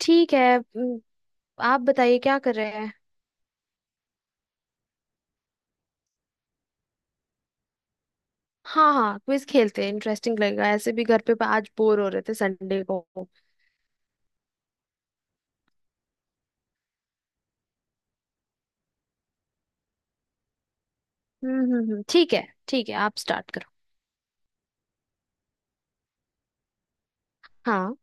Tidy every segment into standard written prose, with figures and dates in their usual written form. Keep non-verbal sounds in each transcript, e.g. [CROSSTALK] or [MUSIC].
ठीक है। हम्म। आप बताइए क्या कर रहे हैं। हाँ हाँ, क्विज खेलते हैं, इंटरेस्टिंग लगेगा। ऐसे भी घर पे आज बोर हो रहे थे संडे को। हम्म। ठीक है ठीक है, आप स्टार्ट करो। हाँ।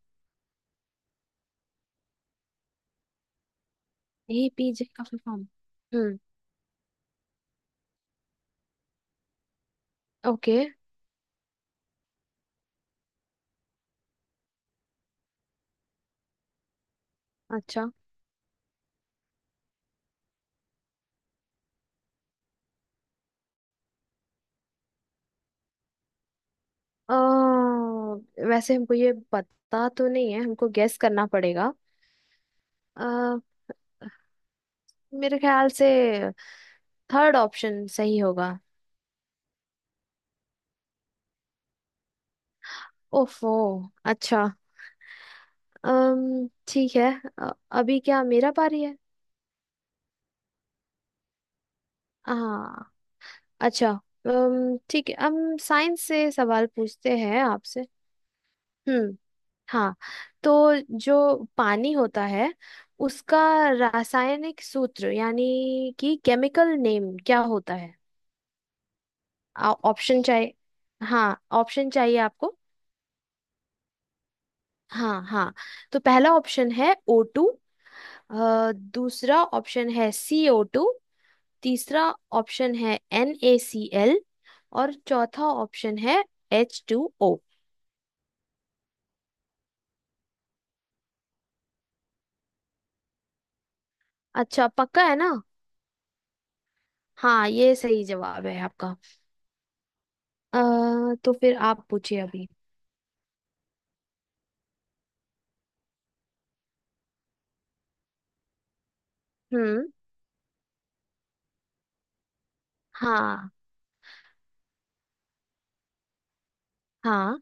एपीजे का फुल फॉर्म। हम्म। ओके। अच्छा। अ, वैसे हमको ये पता तो नहीं है, हमको गेस करना पड़ेगा। अ, मेरे ख्याल से थर्ड ऑप्शन सही होगा। ओफो। अच्छा। ठीक है। अ, अभी क्या मेरा पारी है। हाँ। अच्छा। ठीक है, हम साइंस से सवाल पूछते हैं आपसे। हम्म। हाँ। तो जो पानी होता है उसका रासायनिक सूत्र यानी कि केमिकल नेम क्या होता है। ऑप्शन चाहिए। हाँ। ऑप्शन चाहिए आपको। हाँ हाँ। तो पहला ऑप्शन है ओ टू, दूसरा ऑप्शन है सी ओ टू, तीसरा ऑप्शन है एन ए सी एल, और चौथा ऑप्शन है एच टू ओ। अच्छा, पक्का है ना। हाँ, ये सही जवाब है आपका। तो फिर आप पूछिए अभी। हम्म। हाँ हाँ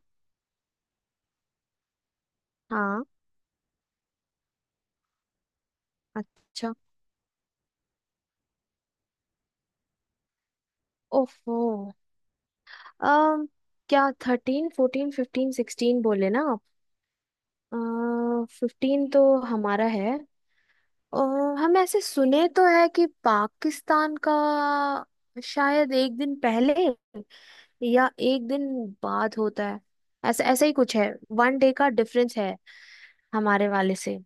हाँ। अच्छा। ओफो। अम क्या थर्टीन फोर्टीन फिफ्टीन सिक्सटीन बोले ना आप। फिफ्टीन तो हमारा है। अ, हम ऐसे सुने तो है कि पाकिस्तान का शायद एक दिन पहले या एक दिन बाद होता है, ऐसा ऐसा ही कुछ है। वन डे का डिफरेंस है हमारे वाले से।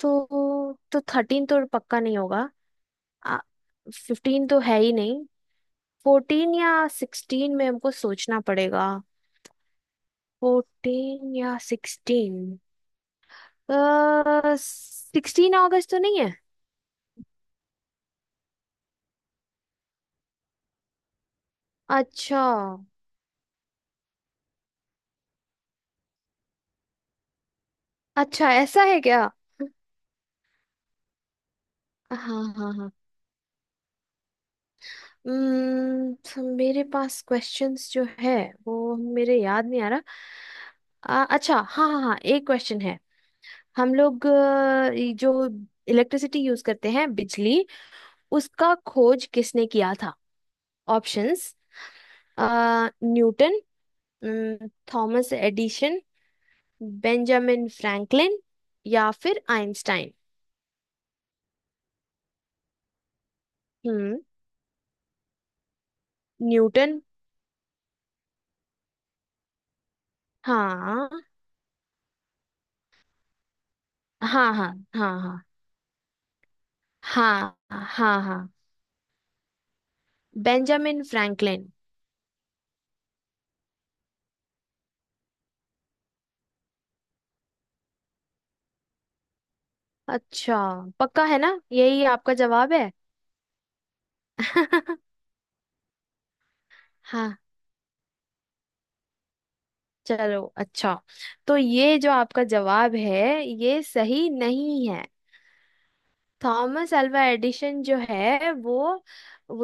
तो थर्टीन तो पक्का नहीं होगा, फिफ्टीन तो है ही नहीं, फोर्टीन या सिक्सटीन में हमको सोचना पड़ेगा। फोर्टीन या सिक्सटीन। 16 अगस्त तो नहीं है। अच्छा। अच्छा, ऐसा है क्या। हाँ हाँ हाँ। तो मेरे पास क्वेश्चंस जो है वो मेरे याद नहीं आ रहा। अच्छा, हाँ हाँ हाँ, एक क्वेश्चन है। हम लोग ये जो इलेक्ट्रिसिटी यूज करते हैं, बिजली, उसका खोज किसने किया था। ऑप्शंस। न्यूटन, न, थॉमस एडिशन, बेंजामिन फ्रैंकलिन, या फिर आइंस्टाइन। हम्म। न्यूटन। हाँ हाँ हाँ हाँ। हाँ हाँ हाँ हाँ। Benjamin Franklin. अच्छा, पक्का है ना यही आपका जवाब है। [LAUGHS] हाँ। चलो अच्छा। तो ये जो आपका जवाब है ये सही नहीं है। थॉमस अल्वा एडिशन जो है वो,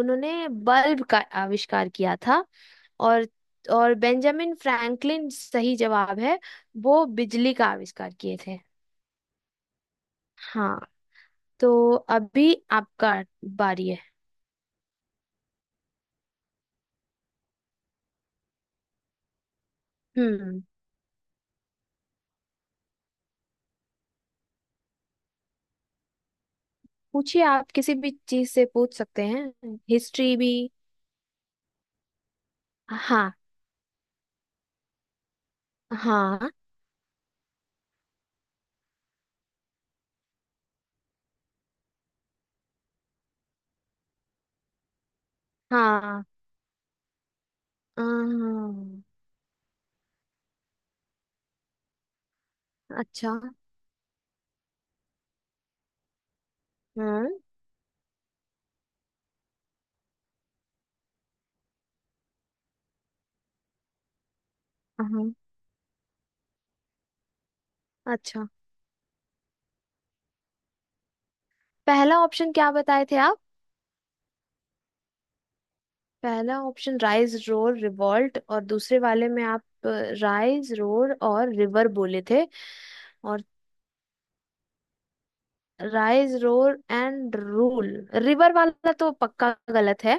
उन्होंने बल्ब का आविष्कार किया था। और और बेंजामिन फ्रैंकलिन सही जवाब है, वो बिजली का आविष्कार किए थे। हाँ। तो अभी आपका बारी है। हम्म। पूछिए, आप किसी भी चीज से पूछ सकते हैं, हिस्ट्री भी। हाँ हाँ हाँ। अम्म, अच्छा। हम्म। हाँ, अच्छा, पहला ऑप्शन क्या बताए थे। पहला ऑप्शन राइज रोर रिवॉल्ट, और दूसरे वाले में आप राइज रोर और रिवर बोले थे। और rise roar and rule. River वाला तो पक्का गलत है।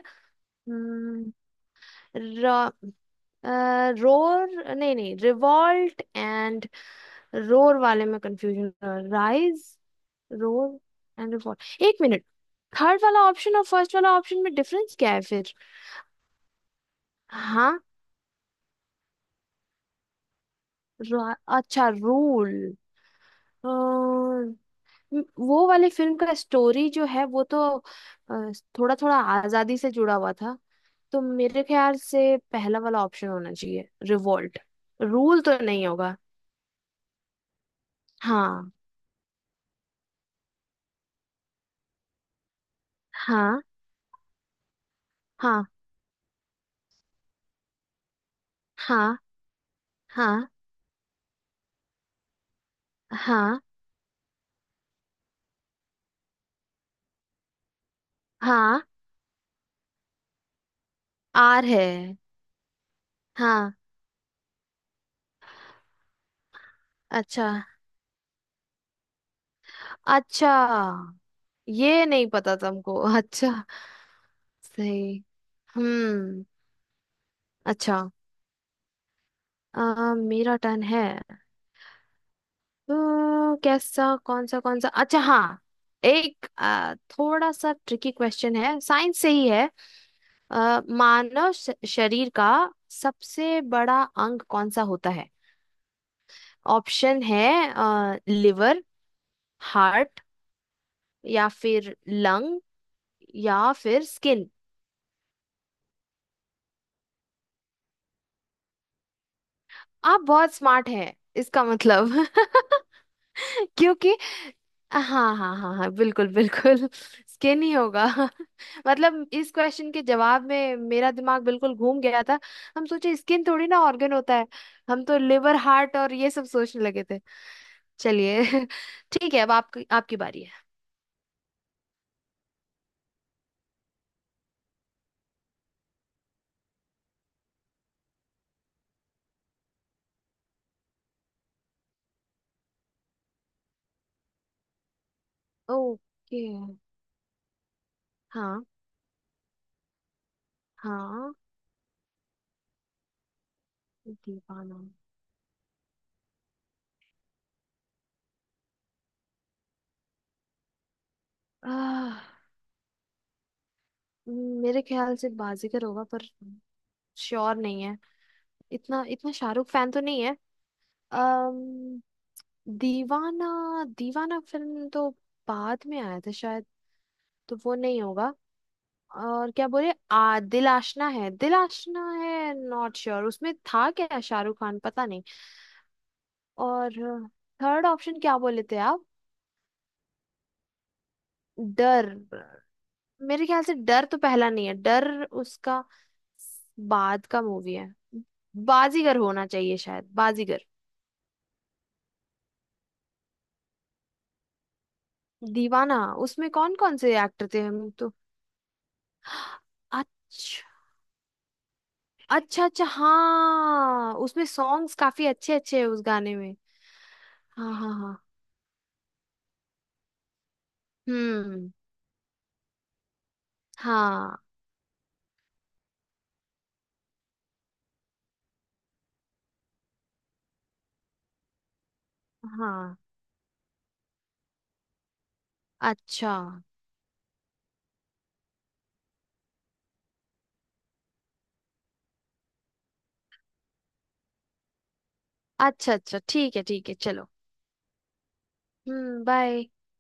रोर, नहीं नहीं रिवॉल्ट एंड रोर वाले में confusion. Rise roar and revolt. एक मिनट। थर्ड वाला ऑप्शन और फर्स्ट वाला ऑप्शन में डिफरेंस क्या है फिर। हाँ। अच्छा, रूल। अ, वो वाली फिल्म का स्टोरी जो है वो तो थोड़ा थोड़ा आजादी से जुड़ा हुआ था। तो मेरे ख्याल से पहला वाला ऑप्शन होना चाहिए, रिवोल्ट, रूल तो नहीं होगा। हाँ हाँ हाँ हाँ। हाँ हाँ हाँ। आर है। हाँ। अच्छा। अच्छा, ये नहीं पता तुमको। [LAUGHS] अच्छा। सही। हम्म। अच्छा। अ, मेरा टर्न है। तो कैसा कौन सा कौन सा, अच्छा हाँ, एक थोड़ा सा ट्रिकी क्वेश्चन है, साइंस से ही है। मानव शरीर का सबसे बड़ा अंग कौन सा होता है। ऑप्शन है लिवर, हार्ट, या फिर लंग, या फिर स्किन। आप बहुत स्मार्ट हैं इसका मतलब। [LAUGHS] क्योंकि हाँ हाँ हाँ हाँ, बिल्कुल बिल्कुल। [LAUGHS] स्किन ही होगा। [LAUGHS] मतलब इस क्वेश्चन के जवाब में मेरा दिमाग बिल्कुल घूम गया था। हम सोचे स्किन थोड़ी ना ऑर्गन होता है, हम तो लिवर हार्ट और ये सब सोचने लगे थे। चलिए। [LAUGHS] ठीक है, अब आपकी आपकी बारी है। ओके। हाँ। हाँ। दीवाना। आह, मेरे ख्याल से बाजीगर होगा, पर श्योर नहीं है, इतना इतना शाहरुख फैन तो नहीं है। अम्म दीवाना, दीवाना फिल्म तो बाद में आया था शायद, तो वो नहीं होगा। और क्या बोले, आ दिल आशना है, दिल आशना है, नॉट श्योर, उसमें था क्या शाहरुख खान पता नहीं। और थर्ड ऑप्शन क्या बोले थे आप। डर। मेरे ख्याल से डर तो पहला नहीं है, डर उसका बाद का मूवी है। बाजीगर होना चाहिए, शायद बाजीगर। दीवाना। उसमें कौन कौन से एक्टर थे हम तो। अच्छा। अच्छा अच्छा हाँ, उसमें सॉन्ग्स काफी अच्छे अच्छे हैं, उस गाने में। हाँ हाँ हाँ। हम्म। हाँ हाँ। अच्छा। अच्छा अच्छा, ठीक है ठीक है, चलो। हम्म, बाय।